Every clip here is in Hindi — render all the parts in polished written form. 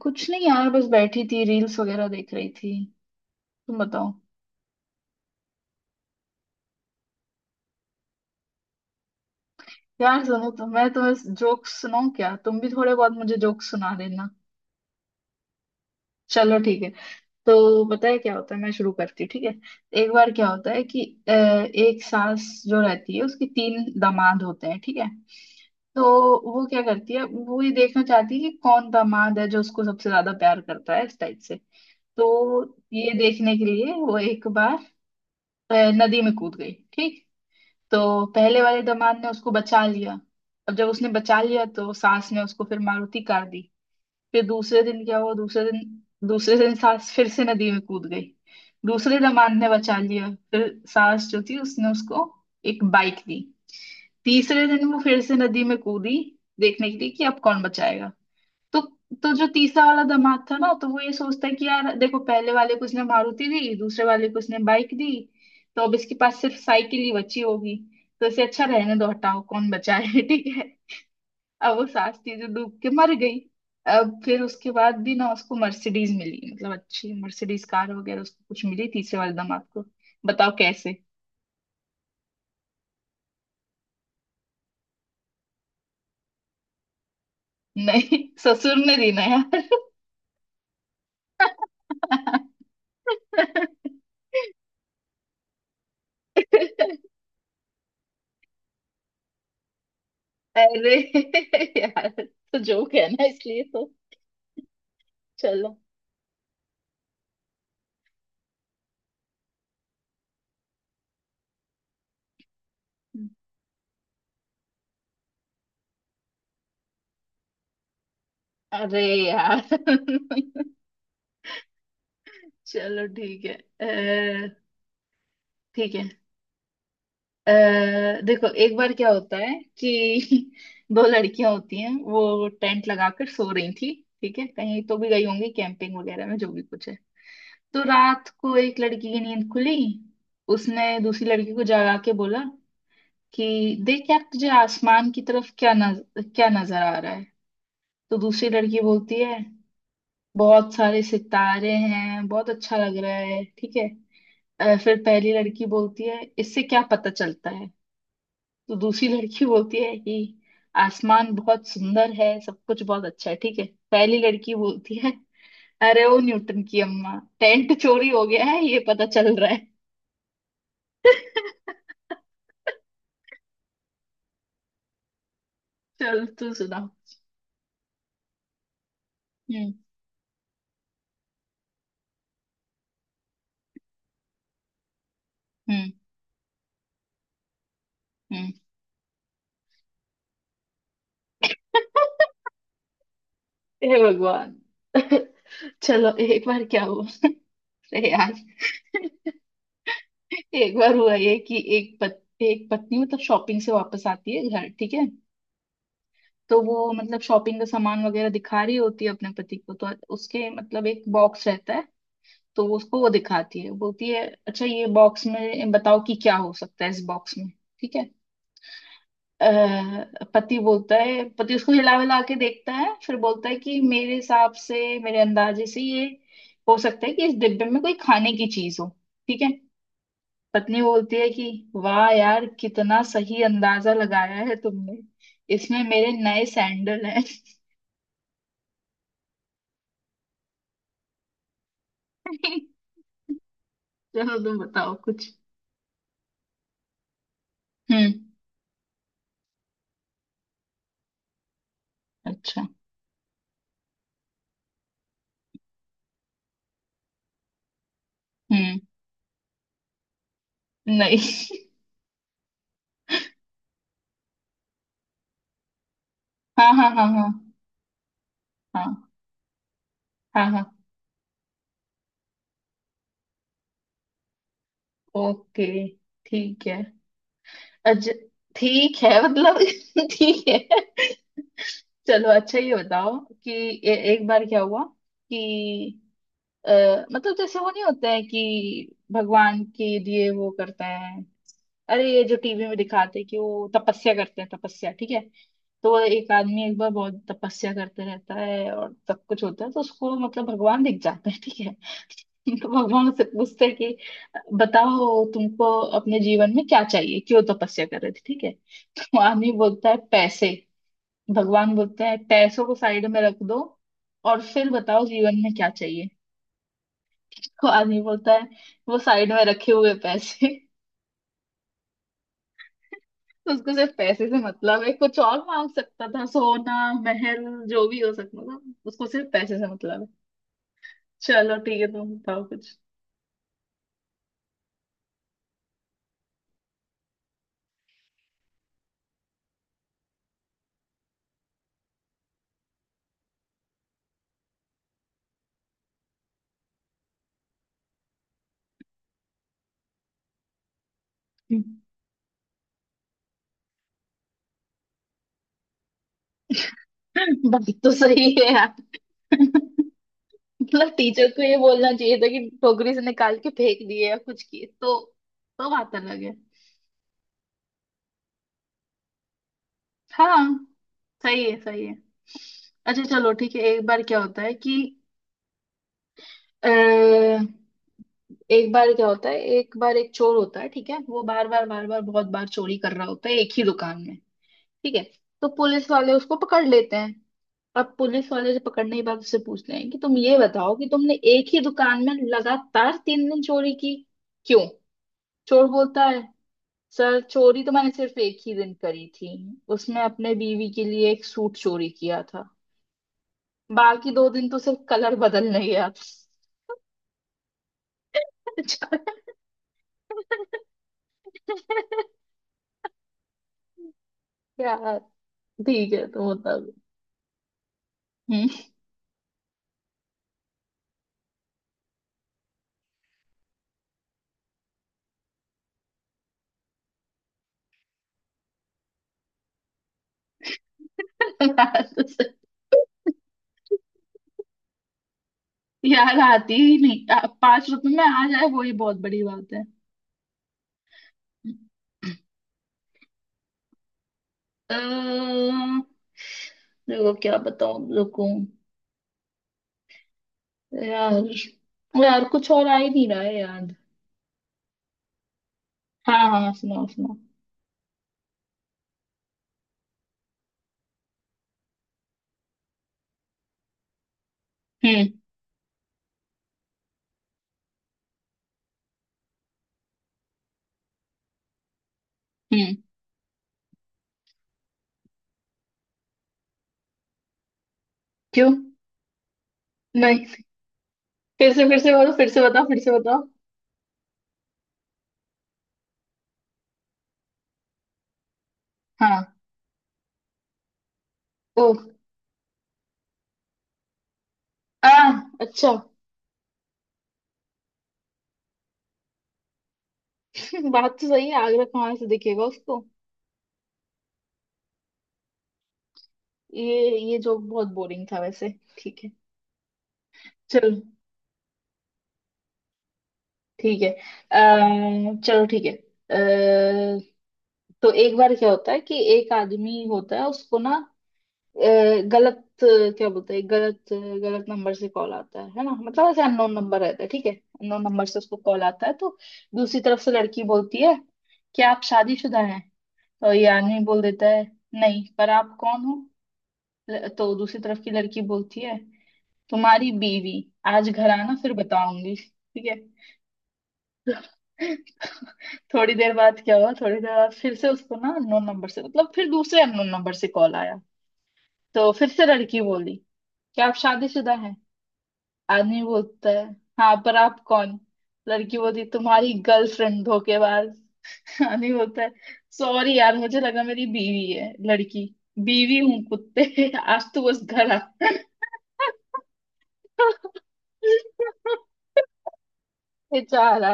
कुछ नहीं यार, बस बैठी थी, रील्स वगैरह देख रही थी। तुम बताओ। यार सुनो, तो मैं तुम्हें जोक्स सुनाऊं क्या? तुम भी थोड़े बहुत मुझे जोक्स सुना देना। चलो ठीक है। तो पता है क्या होता है, मैं शुरू करती हूँ, ठीक है। एक बार क्या होता है कि एक सास जो रहती है, उसके तीन दामाद होते हैं, ठीक है। तो वो क्या करती है, वो ये देखना चाहती है कि कौन दामाद है जो उसको सबसे ज्यादा प्यार करता है, इस टाइप से। तो ये देखने के लिए वो एक बार अ, नदी में कूद गई, ठीक। तो पहले वाले दामाद ने उसको बचा लिया। अब जब उसने बचा लिया तो सास ने उसको फिर मारुति कार दी। फिर दूसरे दिन क्या हुआ? दूसरे दिन, दूसरे दिन सास फिर से नदी में कूद गई। दूसरे दामाद ने बचा लिया। फिर सास जो थी उसने उसको एक बाइक दी। तीसरे दिन वो फिर से नदी में कूदी, देखने के लिए कि अब कौन बचाएगा। तो तो जो तीसरा वाला दामाद था ना, तो वो ये सोचता है कि यार देखो, पहले वाले को उसने मारुति दी, दूसरे वाले को उसने बाइक दी। तो अब इसके पास सिर्फ साइकिल ही बची होगी। तो इसे अच्छा रहने दो, हटाओ, कौन बचाए ठीक है। अब वो सास थी जो डूब के मर गई। अब फिर उसके बाद भी ना उसको मर्सिडीज मिली, मतलब अच्छी मर्सिडीज कार वगैरह उसको कुछ मिली, तीसरे वाले दामाद को। बताओ कैसे? नहीं, ससुर ने दी ना यार। अरे यार, तो जोक है ना, इसलिए तो। चलो। अरे यार। चलो ठीक है। अ, ठीक है। देखो, एक बार क्या होता है कि दो लड़कियां होती हैं, वो टेंट लगाकर सो रही थी, ठीक है। कहीं तो भी गई होंगी कैंपिंग वगैरह में, जो भी कुछ है। तो रात को एक लड़की की नींद खुली। उसने दूसरी लड़की को जगा के बोला कि देख यार, तुझे आसमान की तरफ क्या नजर आ रहा है? तो दूसरी लड़की बोलती है, बहुत सारे सितारे हैं, बहुत अच्छा लग रहा है, ठीक है। फिर पहली लड़की बोलती है, इससे क्या पता चलता है? तो दूसरी लड़की बोलती है कि आसमान बहुत सुंदर है, सब कुछ बहुत अच्छा है, ठीक है। पहली लड़की बोलती है, अरे वो न्यूटन की अम्मा, टेंट चोरी हो गया है, ये पता चल रहा है। चल, तू सुना। हम्म, हम्म, हम्म। हे भगवान। चलो, एक बार क्या हुआ। अरे यार। एक बार हुआ ये कि एक पत्नी मतलब शॉपिंग से वापस आती है घर, ठीक है। तो वो मतलब शॉपिंग का सामान वगैरह दिखा रही होती है अपने पति को। तो उसके मतलब एक बॉक्स रहता है। तो वो उसको वो दिखाती है, बोलती है अच्छा ये बॉक्स में बताओ कि क्या हो सकता है इस बॉक्स में, ठीक है। अह, पति बोलता है, पति उसको हिला हिला के देखता है, फिर बोलता है कि मेरे हिसाब से, मेरे अंदाजे से ये हो सकता है कि इस डिब्बे में कोई खाने की चीज हो, ठीक है। पत्नी बोलती है कि वाह यार, कितना सही अंदाजा लगाया है तुमने। इसमें मेरे नए सैंडल हैं। चलो, तुम बताओ कुछ। हम्म। अच्छा। हम्म। नहीं। हाँ, हाँ, हाँ, हाँ, हाँ, हाँ, हाँ। ओके, ठीक है। अच्छा, ठीक है, मतलब ठीक है। चलो, अच्छा ये बताओ कि एक बार क्या हुआ कि मतलब जैसे वो नहीं होता है कि भगवान के लिए वो करते हैं। अरे ये जो टीवी में दिखाते हैं कि वो तपस्या करते हैं, तपस्या, ठीक है। तो एक आदमी एक बार बहुत तपस्या करते रहता है और सब कुछ होता है, तो उसको मतलब भगवान दिख जाते हैं, ठीक है। तो भगवान उससे पूछते हैं कि बताओ तुमको अपने जीवन में क्या चाहिए, क्यों तपस्या कर रहे थे, ठीक है। तो आदमी बोलता है, पैसे। भगवान बोलते हैं पैसों को साइड में रख दो और फिर बताओ जीवन में क्या चाहिए। तो आदमी बोलता है, वो साइड में रखे हुए पैसे। तो उसको सिर्फ पैसे से मतलब है। कुछ और मांग सकता था, सोना, महल, जो भी हो सकता था। उसको सिर्फ पैसे से मतलब है। चलो ठीक है, तुम बताओ कुछ। बात तो सही है यार, मतलब टीचर को ये बोलना चाहिए था कि टोकरी से निकाल के फेंक दिए या कुछ किए तो बात अलग है। हाँ, सही है, सही है। अच्छा चलो ठीक है, एक बार क्या होता है कि अ, एक बार क्या होता है, एक बार एक चोर होता है, ठीक है। वो बार बार बार बार, बहुत बार चोरी कर रहा होता है एक ही दुकान में, ठीक है। तो पुलिस वाले उसको पकड़ लेते हैं। अब पुलिस वाले से पकड़ने के बाद उससे पूछते हैं कि तुम ये बताओ कि तुमने एक ही दुकान में लगातार 3 दिन चोरी की, क्यों? चोर बोलता है, सर चोरी तो मैंने सिर्फ एक ही दिन करी थी। उसमें अपने बीवी के लिए एक सूट चोरी किया था। बाकी 2 दिन तो सिर्फ कलर बदलने गया था। यार, ठीक है, तो मतलब। हम्म। यार आती ही नहीं, 5 रुपए में आ जाए वही बहुत बड़ी बात है। अम्म, देखो क्या बताऊं, रुको यार। यार कुछ और आ ही नहीं रहा है याद। हाँ, हाँ, सुनाओ, सुनाओ। हम्म, हम्म। क्यों? नहीं। फिर से, फिर से बोलो, फिर से बताओ, फिर से बताओ। हाँ। ओ। आ। अच्छा। बात तो सही है, आगरा कहाँ से दिखेगा उसको। ये जोक बहुत बोरिंग था वैसे, ठीक है। चलो ठीक है। चलो ठीक है। अ, तो एक बार क्या होता है कि एक आदमी होता है, उसको ना अ, गलत क्या बोलते हैं, गलत, गलत नंबर से कॉल आता है ना, मतलब ऐसे अननोन नंबर रहता है, ठीक है। अननोन नंबर से उसको कॉल आता है। तो दूसरी तरफ से लड़की बोलती है कि आप शादीशुदा हैं? तो ये आदमी बोल देता है, नहीं, पर आप कौन हो? तो दूसरी तरफ की लड़की बोलती है, तुम्हारी बीवी। आज घर आना, फिर बताऊंगी, ठीक है। थोड़ी देर बाद क्या हुआ? थोड़ी देर बाद फिर से उसको ना अननोन नंबर से, मतलब फिर दूसरे अननोन नंबर से कॉल आया। तो फिर से लड़की बोली, क्या आप शादीशुदा हैं? आदमी बोलता है, हाँ, पर आप कौन? लड़की बोलती, तुम्हारी गर्लफ्रेंड, धोखेबाज। आदमी बोलता है, सॉरी यार, मुझे लगा मेरी बीवी है। लड़की, बीवी हूँ कुत्ते आज तो बस घर आ। बेचारा।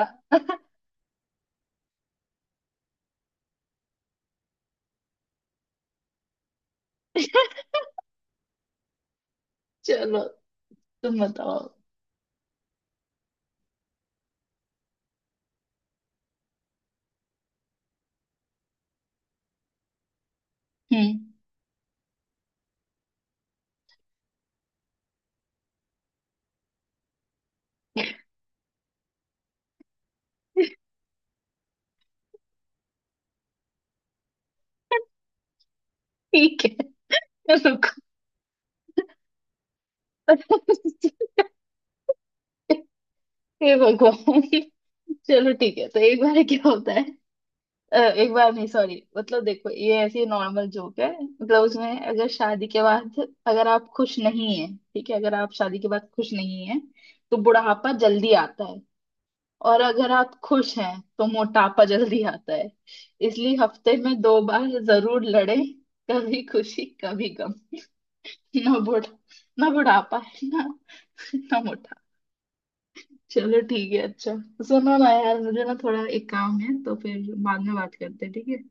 चलो, तुम बताओ। हम्म। ठीक है, रुको। हे भगवान। चलो ठीक है, तो एक बार क्या होता है, एक बार नहीं, सॉरी, मतलब देखो ये ऐसी नॉर्मल जोक है, मतलब उसमें अगर शादी के बाद, अगर आप खुश नहीं हैं, ठीक है। अगर आप शादी के बाद खुश नहीं हैं, तो बुढ़ापा जल्दी आता है। और अगर आप खुश हैं तो मोटापा जल्दी आता है। इसलिए हफ्ते में 2 बार जरूर लड़े। कभी खुशी, कभी गम। ना बुढ़ा ना बुढ़ापा, है ना, ना मोटा। चलो ठीक है। अच्छा। सुनो ना यार, मुझे ना थोड़ा एक काम है तो फिर बाद में बात करते हैं, ठीक है।